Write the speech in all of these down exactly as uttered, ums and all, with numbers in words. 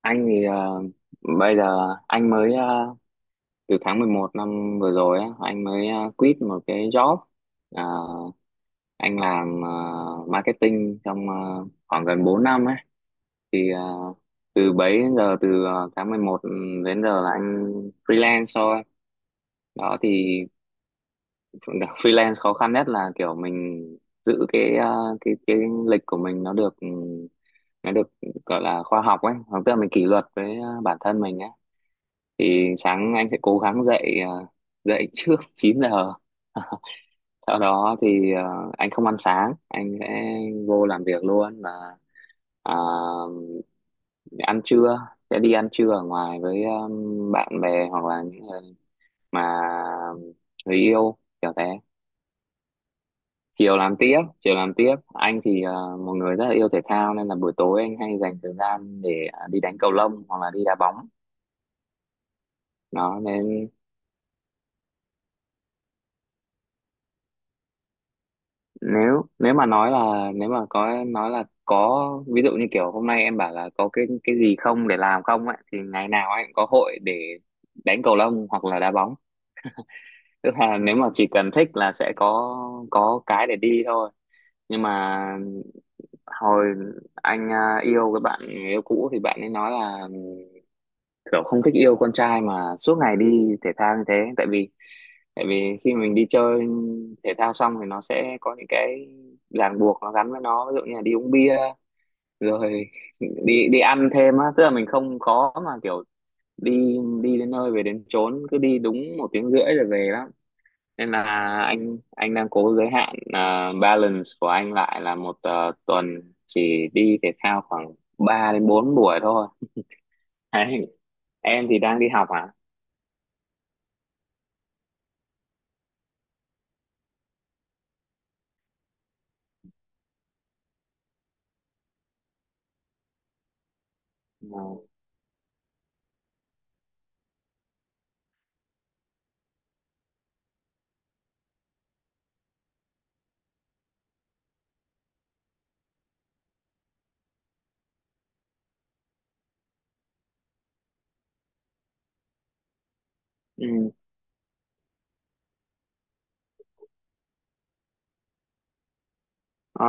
Anh thì ờ, bây giờ anh mới ờ, từ tháng mười một năm vừa rồi á, anh mới ờ, quit một cái job. Ờ, anh làm ờ, marketing trong ờ, khoảng gần bốn năm ấy. Thì ờ, từ bấy đến giờ từ ờ, tháng mười một đến giờ là anh freelance thôi. Đó thì freelance khó khăn nhất là kiểu mình giữ cái ờ, cái cái lịch của mình nó được ừ, nó được gọi là khoa học ấy, tức là mình kỷ luật với ờ, bản thân mình ấy thì sáng anh sẽ cố gắng dậy à, dậy trước chín giờ, sau đó thì à, anh không ăn sáng, anh sẽ vô làm việc luôn mà à, ăn trưa sẽ đi ăn trưa ở ngoài với um, bạn bè hoặc là những người mà người yêu kiểu thế, chiều làm tiếp chiều làm tiếp anh thì à, một người rất là yêu thể thao nên là buổi tối anh hay dành thời gian để à, đi đánh cầu lông hoặc là đi đá bóng, đó nên nếu nếu mà nói là nếu mà có nói là có ví dụ như kiểu hôm nay em bảo là có cái cái gì không để làm không ấy thì ngày nào anh cũng có hội để đánh cầu lông hoặc là đá bóng, tức là nếu mà chỉ cần thích là sẽ có có cái để đi thôi. Nhưng mà hồi anh à, yêu cái bạn người yêu cũ thì bạn ấy nói là kiểu không thích yêu con trai mà suốt ngày đi thể thao như thế, tại vì tại vì khi mình đi chơi thể thao xong thì nó sẽ có những cái ràng buộc nó gắn với nó, ví dụ như là đi uống bia rồi đi đi ăn thêm á, tức là mình không có mà kiểu đi đi đến nơi về đến chốn cứ đi đúng một tiếng rưỡi rồi về lắm, nên là anh anh đang cố giới hạn à, balance của anh lại là một ờ, tuần chỉ đi thể thao khoảng ba đến bốn buổi thôi. Đấy. Em thì đang đi học à. Ừ. Ừ. Ờ.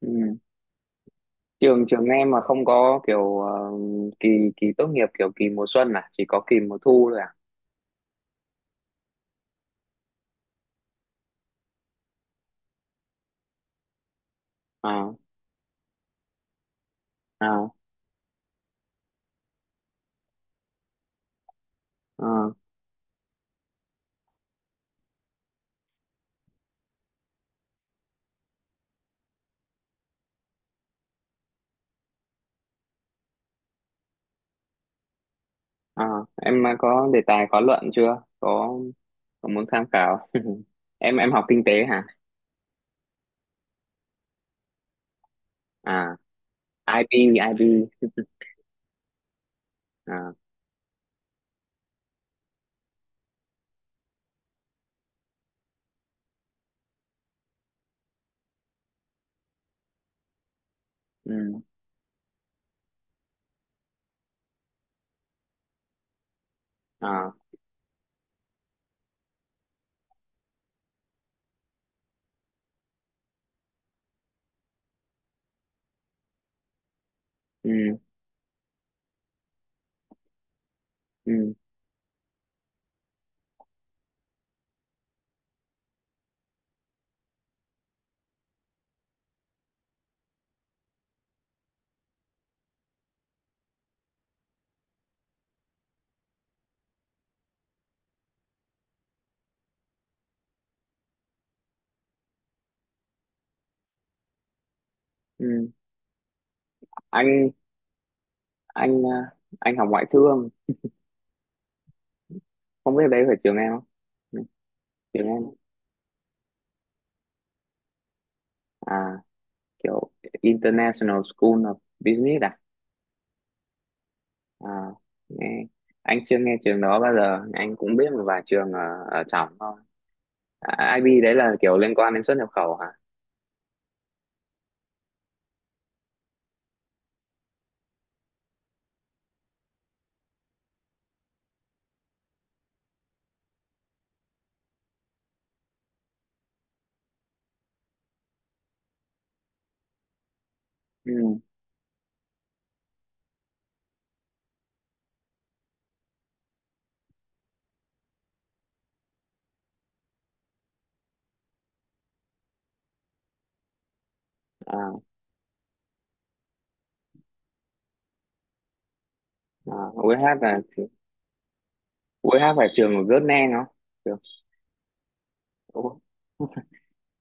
Ừ. trường trường em mà không có kiểu ờ, kỳ kỳ tốt nghiệp kiểu kỳ mùa xuân à, chỉ có kỳ mùa thu thôi À. À. À. À. À. Em có đề tài có luận chưa? Có, có muốn tham khảo. em em học kinh tế hả? À, i bê. i bê. À. Ừ. À. Ừ. Ừ. Ừ. anh anh ờ, anh học ngoại thương, không biết đấy phải trường em không? Ừ, trường em. À, kiểu International School of Business à? À, nghe. Anh chưa nghe trường đó bao giờ, anh cũng biết một vài trường ở, ở trong thôi. À, i bê đấy là kiểu liên quan đến xuất nhập khẩu hả? Ừ. À. À. UH là UH phải trường của Vietnam không? Trường. Ủa,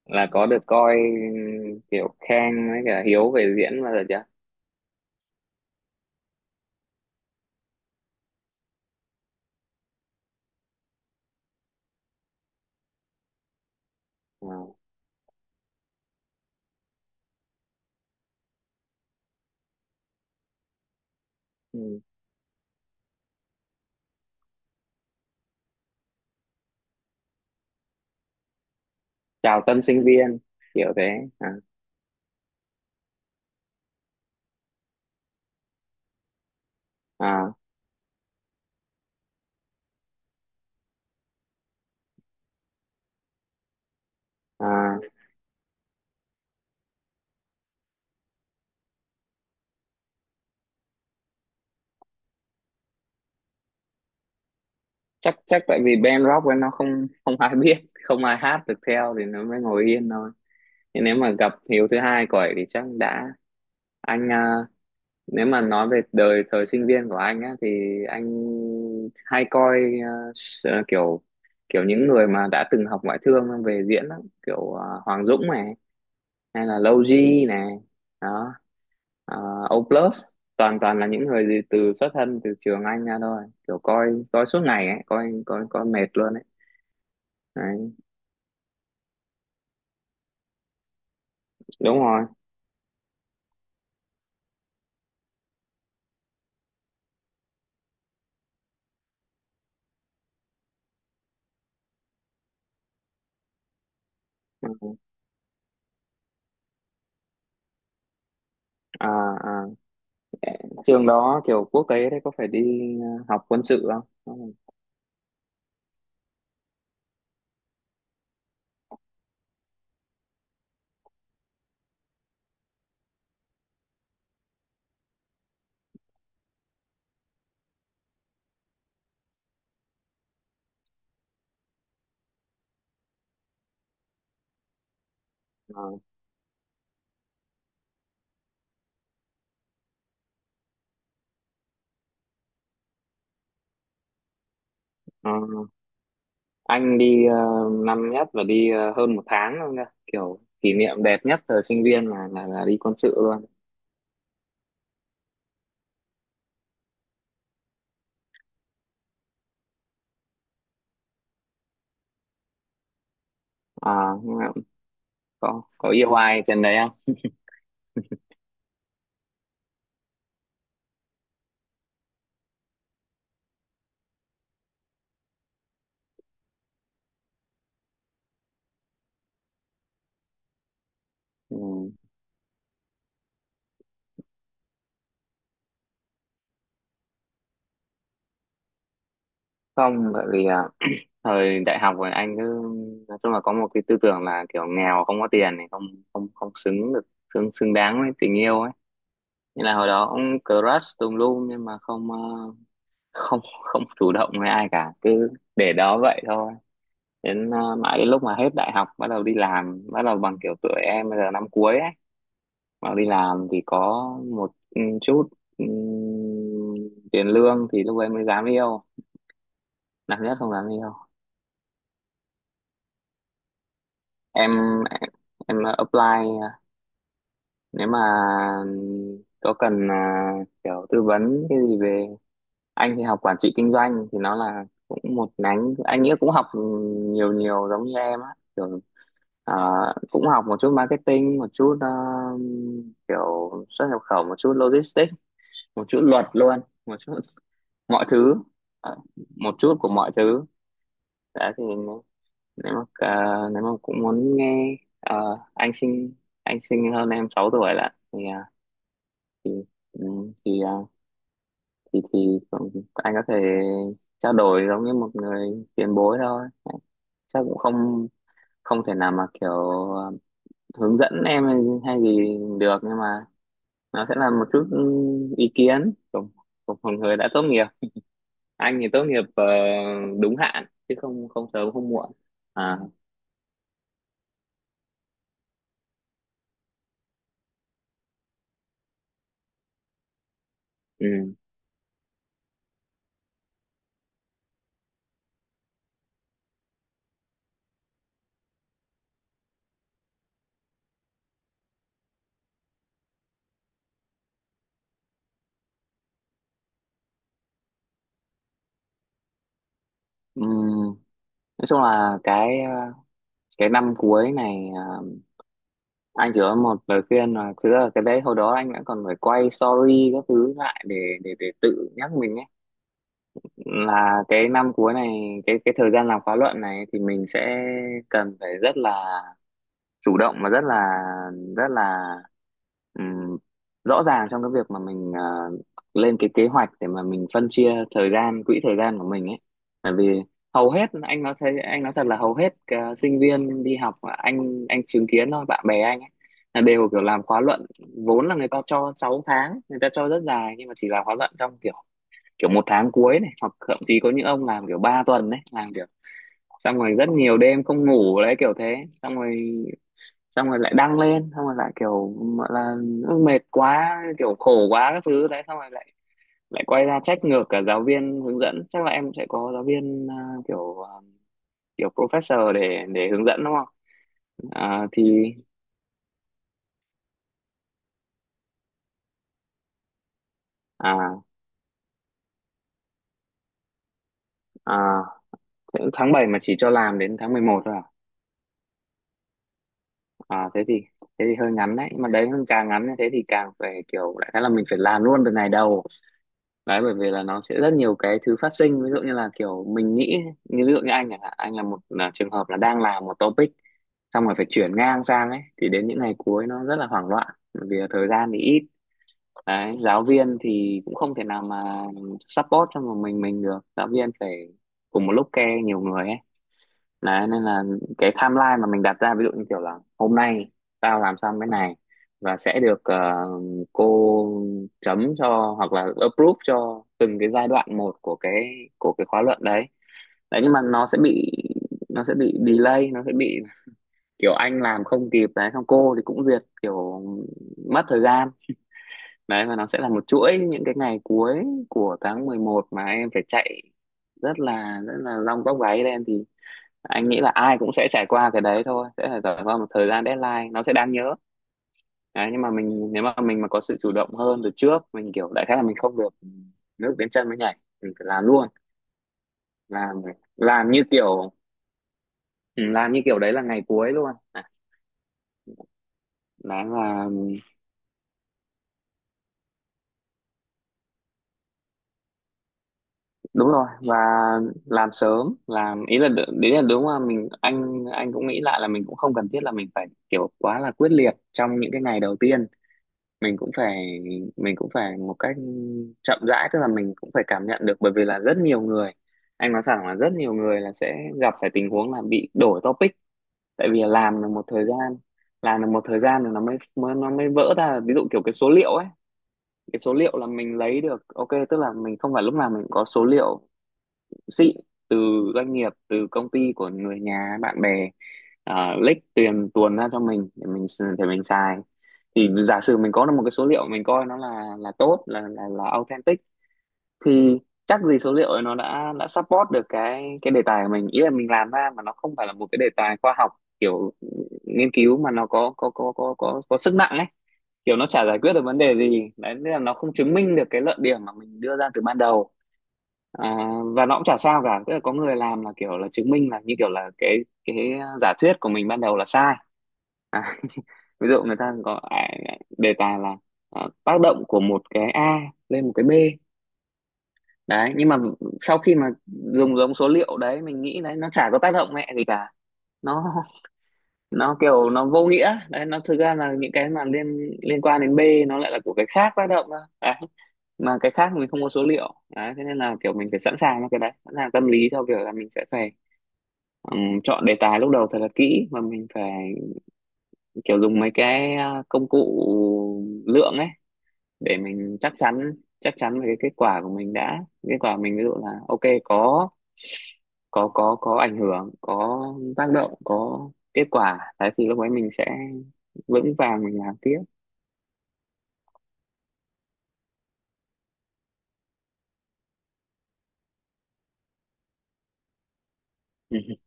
là có được coi kiểu Khang với cả Hiếu về diễn bao giờ chưa? À. Ừ. Chào tân sinh viên kiểu thế. À. À. À. Chắc chắc tại vì band rock ấy nó không không ai biết, không ai hát được theo thì nó mới ngồi yên thôi. Thế nếu mà gặp hiếu thứ hai của ấy thì chắc đã, anh à, nếu mà nói về đời thời sinh viên của anh á thì anh hay coi à, s- à, kiểu kiểu những người mà đã từng học ngoại thương về diễn lắm, kiểu à, Hoàng Dũng này, hay là Lâu G này, đó, à, O Plus, toàn toàn là những người gì từ xuất thân từ trường anh ra thôi, kiểu coi coi suốt ngày ấy, coi coi coi mệt luôn ấy. Đấy, đúng rồi. Ừ. À. À. Trường đó kiểu quốc tế đấy có phải đi ờ, học quân sự không? Ờ. Ờ. Anh đi ờ, năm nhất và đi ờ, hơn một tháng luôn nha, kiểu kỷ niệm đẹp nhất thời sinh viên là là, là đi quân sự luôn. À, nhưng mà có có yêu ai trên đấy không? Ừ. Không, bởi vì ờ, thời đại học rồi anh cứ nói chung là có một cái tư tưởng là kiểu nghèo không có tiền thì không không không xứng được, xứng xứng đáng với tình yêu ấy, nên là hồi đó cũng crush tùm lum nhưng mà không ờ, không không chủ động với ai cả, cứ để đó vậy thôi, đến ờ, mãi đến lúc mà hết đại học bắt đầu đi làm, bắt đầu bằng kiểu tuổi em bây giờ năm cuối ấy, bắt đầu đi làm thì có một ừ, chút ừ, tiền lương thì lúc ấy mới dám yêu. Năm nhất không dám yêu. Em em, em apply, nếu mà có cần à, kiểu tư vấn cái gì về, anh thì học quản trị kinh doanh thì nó là cũng một nhánh anh nghĩa cũng học nhiều nhiều giống như em á, kiểu à, cũng học một chút marketing, một chút à, kiểu xuất nhập khẩu, một chút logistics, một chút luật luôn, một chút mọi thứ. Ờ, Một chút của mọi thứ. Đã thì nếu nếu mà à, nếu mà cũng muốn nghe ờ, anh sinh anh sinh hơn em sáu tuổi là thì à, ừ, thì à, thì thì cũng- anh có thể trao đổi giống như một người tiền bối thôi, chắc cũng không không thể nào mà kiểu à, hướng dẫn em hay hay gì được, nhưng mà nó sẽ là một chút ừ, ý kiến của, của một người đã tốt nghiệp. Anh thì tốt nghiệp ờ, đúng hạn chứ không không sớm không muộn. À. Ừ. Ừm, nói chung là cái à, cái năm cuối này anh chỉ có một lời khuyên là thực ra là cái đấy hồi đó anh đã còn phải quay story các thứ lại để để để tự nhắc mình ấy, là cái năm cuối này, cái cái thời gian làm khóa luận này thì mình sẽ cần phải rất là chủ động và rất là rất là Ừm, rõ ràng trong cái việc mà mình à, lên cái kế hoạch để mà mình phân chia thời gian, quỹ thời gian của mình ấy, bởi vì hầu hết, anh nói, thấy anh nói thật là hầu hết à, sinh viên đi học mà anh anh chứng kiến thôi, bạn bè anh ấy, là đều kiểu làm khóa luận, vốn là người ta cho sáu tháng, người ta cho rất dài nhưng mà chỉ làm khóa luận trong kiểu kiểu một tháng cuối này, hoặc thậm chí có những ông làm kiểu ba tuần đấy, làm kiểu xong rồi rất nhiều đêm không ngủ đấy, kiểu thế, xong rồi xong rồi lại đăng lên, xong rồi lại kiểu gọi là mệt quá kiểu khổ quá các thứ đấy, xong rồi lại lại quay ra trách ngược cả giáo viên hướng dẫn. Chắc là em sẽ có giáo viên à, kiểu à, kiểu professor để để hướng dẫn đúng không? à, thì à, à, Tháng bảy mà chỉ cho làm đến tháng mười một thôi à? à thế thì thế thì hơi ngắn đấy, nhưng mà đấy càng ngắn như thế thì càng phải kiểu đại khái là mình phải làm luôn từ ngày đầu, đấy, bởi vì là nó sẽ rất nhiều cái thứ phát sinh, ví dụ như là kiểu mình nghĩ như ví dụ như anh chẳng hạn, anh là một là trường hợp là đang làm một topic xong rồi phải chuyển ngang sang ấy thì đến những ngày cuối nó rất là hoảng loạn, bởi vì là thời gian thì ít đấy, giáo viên thì cũng không thể nào mà support cho một mình mình được, giáo viên phải cùng một lúc care nhiều người ấy. Đấy, nên là cái timeline mà mình đặt ra ví dụ như kiểu là hôm nay tao làm xong cái này và sẽ được ờ, cô chấm cho hoặc là approve cho từng cái giai đoạn một của cái của cái khóa luận đấy. Đấy nhưng mà nó sẽ bị nó sẽ bị delay, nó sẽ bị kiểu anh làm không kịp đấy, xong cô thì cũng duyệt kiểu mất thời gian đấy, và nó sẽ là một chuỗi những cái ngày cuối của tháng mười một mà em phải chạy rất là rất là long tóc gáy lên. Thì anh nghĩ là ai cũng sẽ trải qua cái đấy thôi, sẽ phải trải qua một thời gian deadline nó sẽ đáng nhớ đấy. Nhưng mà mình nếu mà mình mà có sự chủ động hơn từ trước, mình kiểu đại khái là mình không được nước đến chân mới nhảy, mình phải làm luôn. Làm làm như kiểu ừ, làm như kiểu đấy là ngày cuối luôn. À, đấy là đúng rồi. Và làm sớm, làm ý là đ- đấy là đúng. Mà mình, anh anh cũng nghĩ lại là mình cũng không cần thiết là mình phải kiểu quá là quyết liệt trong những cái ngày đầu tiên. Mình cũng phải mình cũng phải một cách chậm rãi, tức là mình cũng phải cảm nhận được. Bởi vì là rất nhiều người, anh nói thẳng là rất nhiều người là sẽ gặp phải tình huống là bị đổi topic. Tại vì là làm được một thời gian làm được một thời gian rồi nó mới, mới nó mới vỡ ra. Ví dụ kiểu cái số liệu ấy, cái số liệu là mình lấy được ok, tức là mình không phải lúc nào mình cũng có số liệu xịn từ doanh nghiệp, từ công ty của người nhà bạn bè, uh, lích tiền tuồn ra cho mình để mình s- để mình xài. Thì giả sử mình có được một cái số liệu mình coi nó là là tốt, là là là authentic, thì chắc gì số liệu ấy nó đã đã support được cái cái đề tài của mình. Ý là mình làm ra mà nó không phải là một cái đề tài khoa học, kiểu nghiên cứu, mà nó có có có có có có sức nặng ấy. Kiểu nó chả giải quyết được vấn đề gì đấy, nên là nó không chứng minh được cái luận điểm mà mình đưa ra từ ban đầu. À, và nó cũng chả sao cả. Tức là có người làm là kiểu là chứng minh là như kiểu là cái cái giả thuyết của mình ban đầu là sai. Ví dụ người ta có à, đề tài là à, tác động của một cái A lên một cái B đấy. Nhưng mà sau khi mà dùng giống số liệu đấy mình nghĩ đấy, nó chả có tác động mẹ gì cả. nó nó kiểu nó vô nghĩa đấy. Nó thực ra là những cái mà liên liên quan đến B, nó lại là của cái khác tác động thôi đấy. Mà cái khác mình không có số liệu đấy, thế nên là kiểu mình phải sẵn sàng cho cái đấy, sẵn sàng tâm lý cho việc là mình sẽ phải. Ừm, chọn đề tài lúc đầu thật là kỹ, mà mình phải kiểu dùng mấy cái à, công cụ lượng ấy, để mình chắc chắn chắc chắn về cái kết quả của mình đã. Kết quả mình ví dụ là ok, có có có có ảnh hưởng, có tác động, có kết quả đấy, thì lúc ấy mình sẽ vững vàng mình làm tiếp.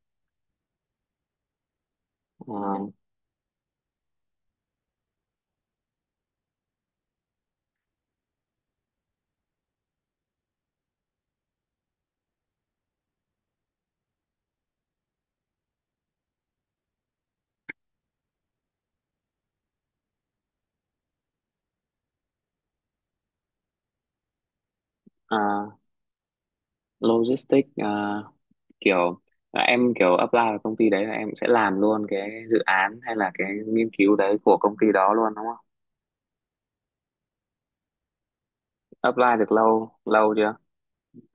Ừ. Ờ, ờ, logistics. ờ, Kiểu là em kiểu apply vào công ty đấy là em sẽ làm luôn cái dự án hay là cái nghiên cứu đấy của công ty đó luôn đúng không? Apply được lâu lâu chưa?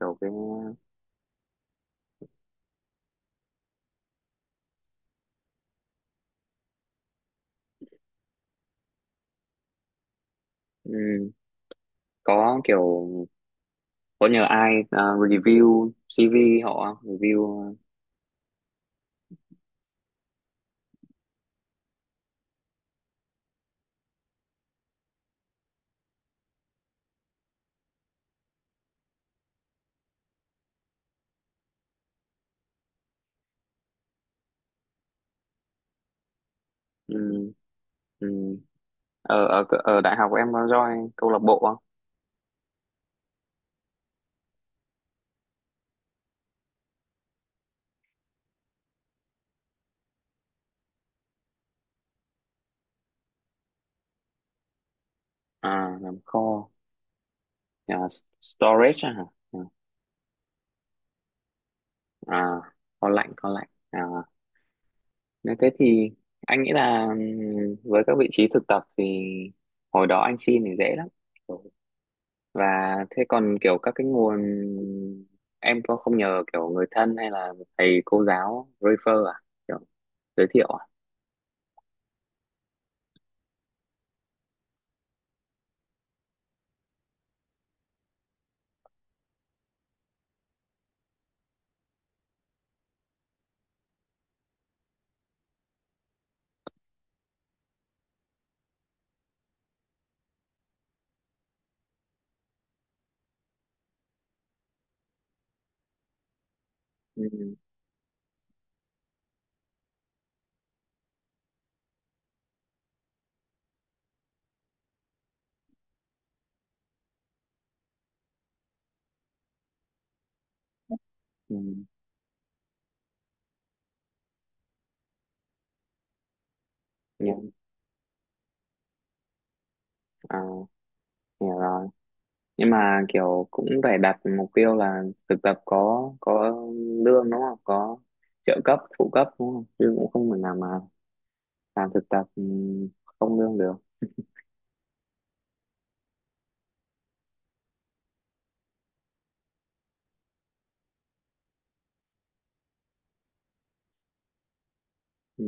Kiểu cái ừm, có kiểu có nhờ ai à, review xi vi họ không? Review ừm, ừm. ở, ở ở đại học em có join câu lạc bộ không? À, làm kho. À, s- storage à, hả? À, kho lạnh kho lạnh à. Nếu thế thì anh nghĩ là ừm, với các vị trí thực tập thì hồi đó anh xin thì dễ lắm. Và thế còn kiểu các cái nguồn, em có không nhờ kiểu người thân hay là thầy cô giáo refer à, kiểu giới thiệu à? Ừ, ừ, nhưng, à, hiểu rồi. Nhưng mà kiểu cũng phải đặt mục tiêu là thực tập có có lương đúng không, có trợ cấp phụ cấp đúng không, chứ cũng không thể nào mà làm thực tập ừ, không lương được. Ừ.